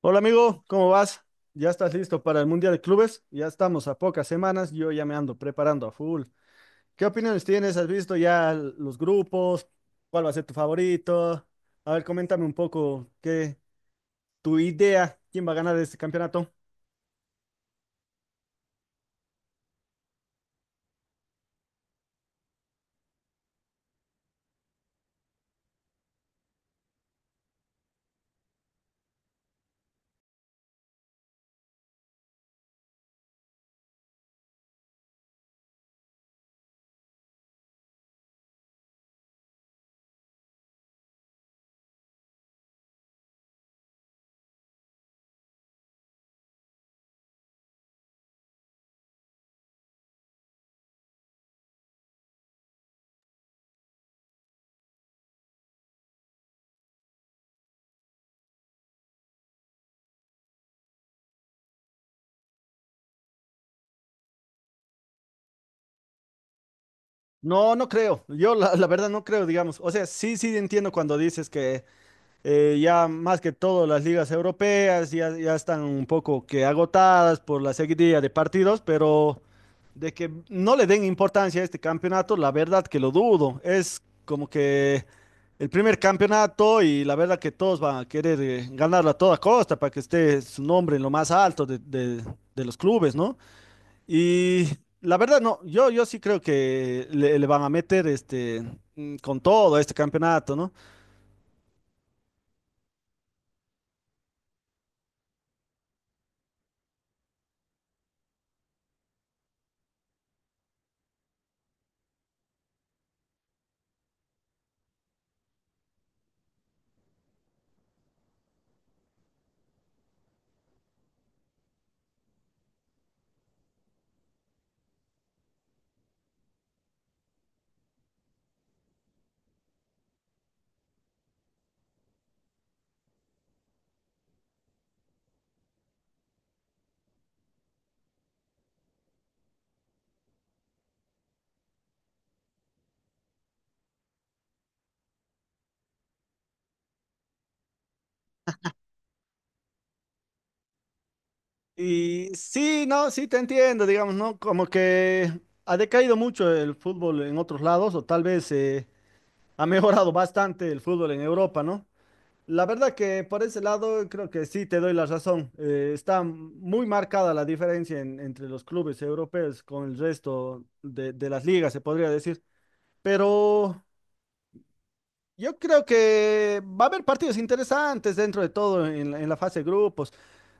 Hola amigo, ¿cómo vas? ¿Ya estás listo para el Mundial de Clubes? Ya estamos a pocas semanas, yo ya me ando preparando a full. ¿Qué opiniones tienes? ¿Has visto ya los grupos? ¿Cuál va a ser tu favorito? A ver, coméntame un poco qué tu idea, quién va a ganar este campeonato. No, no creo. Yo la verdad no creo, digamos. O sea, sí, sí entiendo cuando dices que ya más que todo las ligas europeas ya están un poco que agotadas por la seguidilla de partidos, pero de que no le den importancia a este campeonato, la verdad que lo dudo. Es como que el primer campeonato y la verdad que todos van a querer ganarlo a toda costa para que esté su nombre en lo más alto de los clubes, ¿no? Y la verdad no, yo sí creo que le van a meter con todo a este campeonato, ¿no? Y sí, no, sí te entiendo, digamos, ¿no? Como que ha decaído mucho el fútbol en otros lados, o tal vez ha mejorado bastante el fútbol en Europa, ¿no? La verdad que por ese lado creo que sí te doy la razón. Está muy marcada la diferencia entre los clubes europeos con el resto de las ligas, se podría decir. Pero yo creo que va a haber partidos interesantes dentro de todo en la fase de grupos.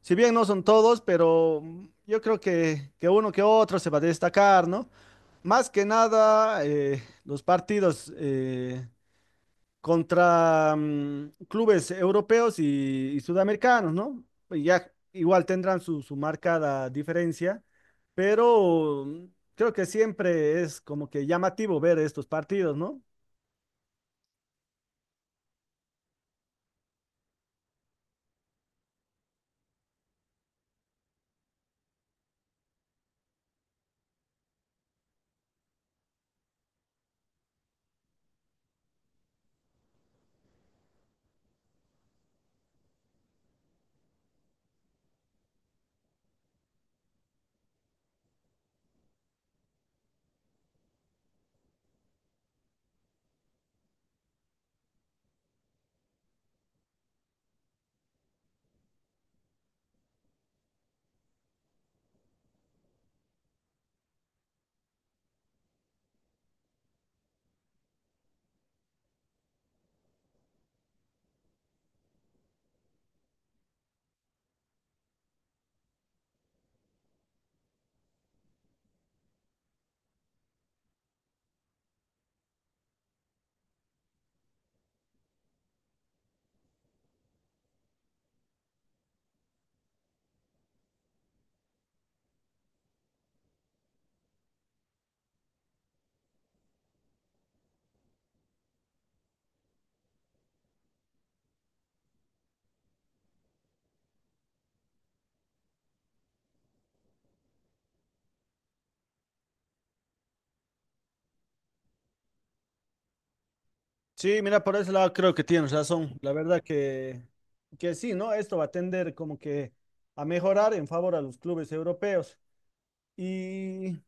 Si bien no son todos, pero yo creo que uno que otro se va a destacar, ¿no? Más que nada, los partidos contra clubes europeos y sudamericanos, ¿no? Pues ya igual tendrán su marcada diferencia, pero creo que siempre es como que llamativo ver estos partidos, ¿no? Sí, mira, por ese lado creo que tienes razón. La verdad que sí, ¿no? Esto va a tender como que a mejorar en favor a los clubes europeos. Y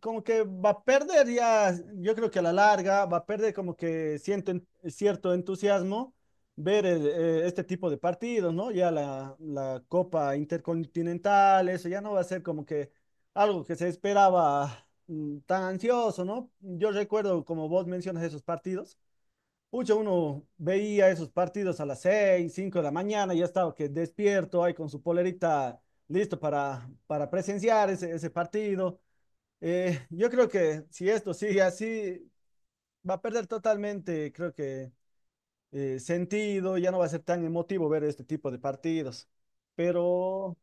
como que va a perder ya, yo creo que a la larga va a perder como que siento cierto entusiasmo ver este tipo de partidos, ¿no? Ya la Copa Intercontinental, eso ya no va a ser como que algo que se esperaba tan ansioso, ¿no? Yo recuerdo, como vos mencionas, esos partidos. Pucha, uno veía esos partidos a las 6, 5 de la mañana, ya estaba que despierto ahí con su polerita listo para presenciar ese partido. Yo creo que si esto sigue así, va a perder totalmente, creo que sentido, ya no va a ser tan emotivo ver este tipo de partidos. Pero,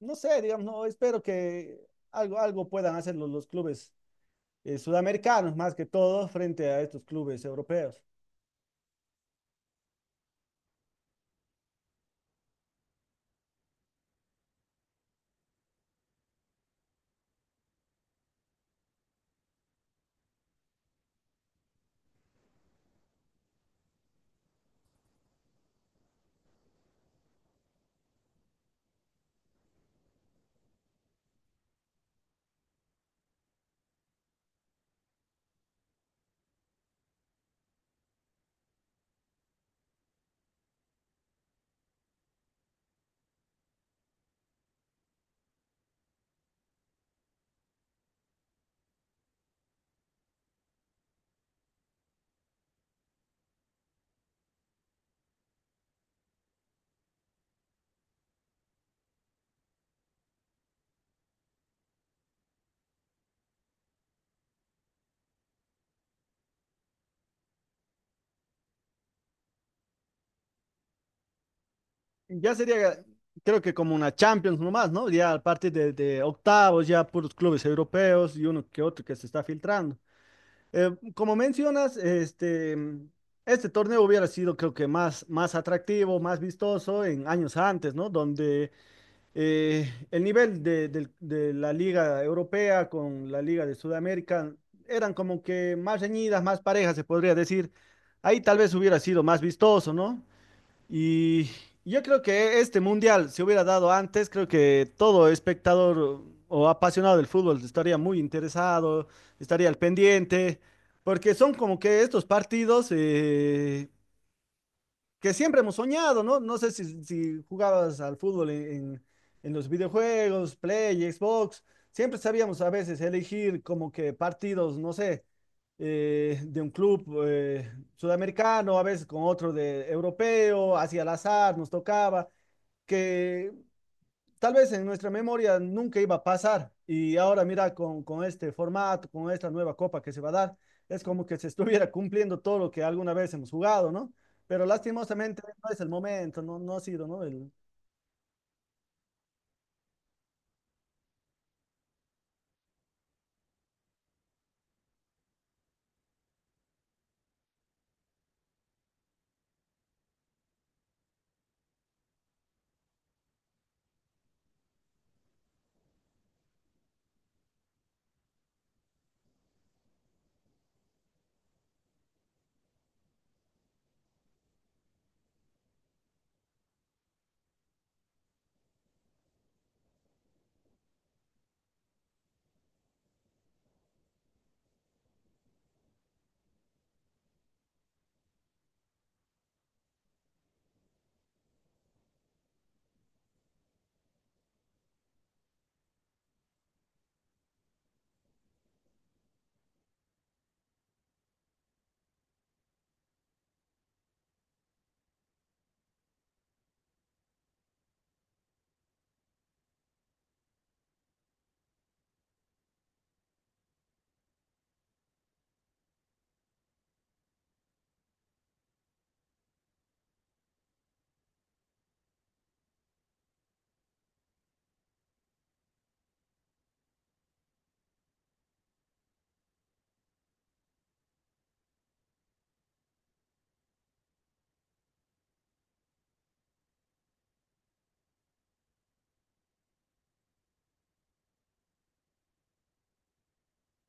no sé, digamos, no, espero que algo puedan hacer los clubes sudamericanos, más que todo, frente a estos clubes europeos. Ya sería, creo que como una Champions nomás, ¿no? Ya a partir de octavos, ya puros clubes europeos y uno que otro que se está filtrando. Como mencionas, este torneo hubiera sido, creo que más, más atractivo, más vistoso en años antes, ¿no? Donde el nivel de la Liga Europea con la Liga de Sudamérica eran como que más reñidas, más parejas, se podría decir. Ahí tal vez hubiera sido más vistoso, ¿no? Y yo creo que este mundial se hubiera dado antes, creo que todo espectador o apasionado del fútbol estaría muy interesado, estaría al pendiente, porque son como que estos partidos que siempre hemos soñado, ¿no? No sé si, si jugabas al fútbol en los videojuegos, Play, Xbox, siempre sabíamos a veces elegir como que partidos, no sé, de un club sudamericano, a veces con otro de europeo, hacia el azar nos tocaba, que tal vez en nuestra memoria nunca iba a pasar. Y ahora mira, con este formato, con esta nueva copa que se va a dar, es como que se estuviera cumpliendo todo lo que alguna vez hemos jugado, ¿no? Pero lastimosamente no es el momento, no, no ha sido, ¿no? El...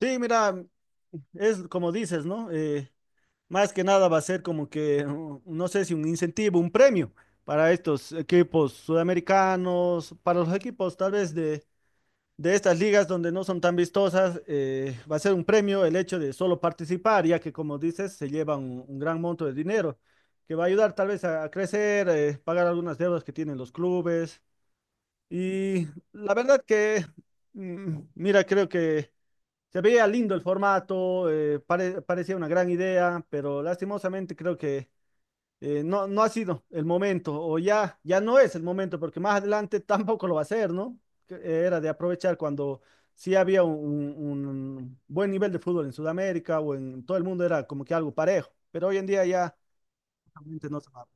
Sí, mira, es como dices, ¿no? Más que nada va a ser como que, no sé si un incentivo, un premio para estos equipos sudamericanos, para los equipos tal vez de estas ligas donde no son tan vistosas, va a ser un premio el hecho de solo participar, ya que como dices, se lleva un gran monto de dinero, que va a ayudar tal vez a crecer, pagar algunas deudas que tienen los clubes. Y la verdad que, mira, creo que se veía lindo el formato, parecía una gran idea, pero lastimosamente creo que no, no ha sido el momento, o ya, ya no es el momento, porque más adelante tampoco lo va a ser, ¿no? Que era de aprovechar cuando sí había un- buen nivel de fútbol en Sudamérica o en todo el mundo, era como que algo parejo, pero hoy en día ya realmente no se va.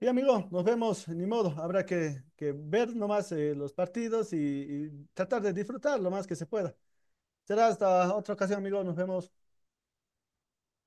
Y amigo, nos vemos, ni modo, habrá que ver nomás los partidos y tratar de disfrutar lo más que se pueda. Será hasta otra ocasión, amigo, nos vemos.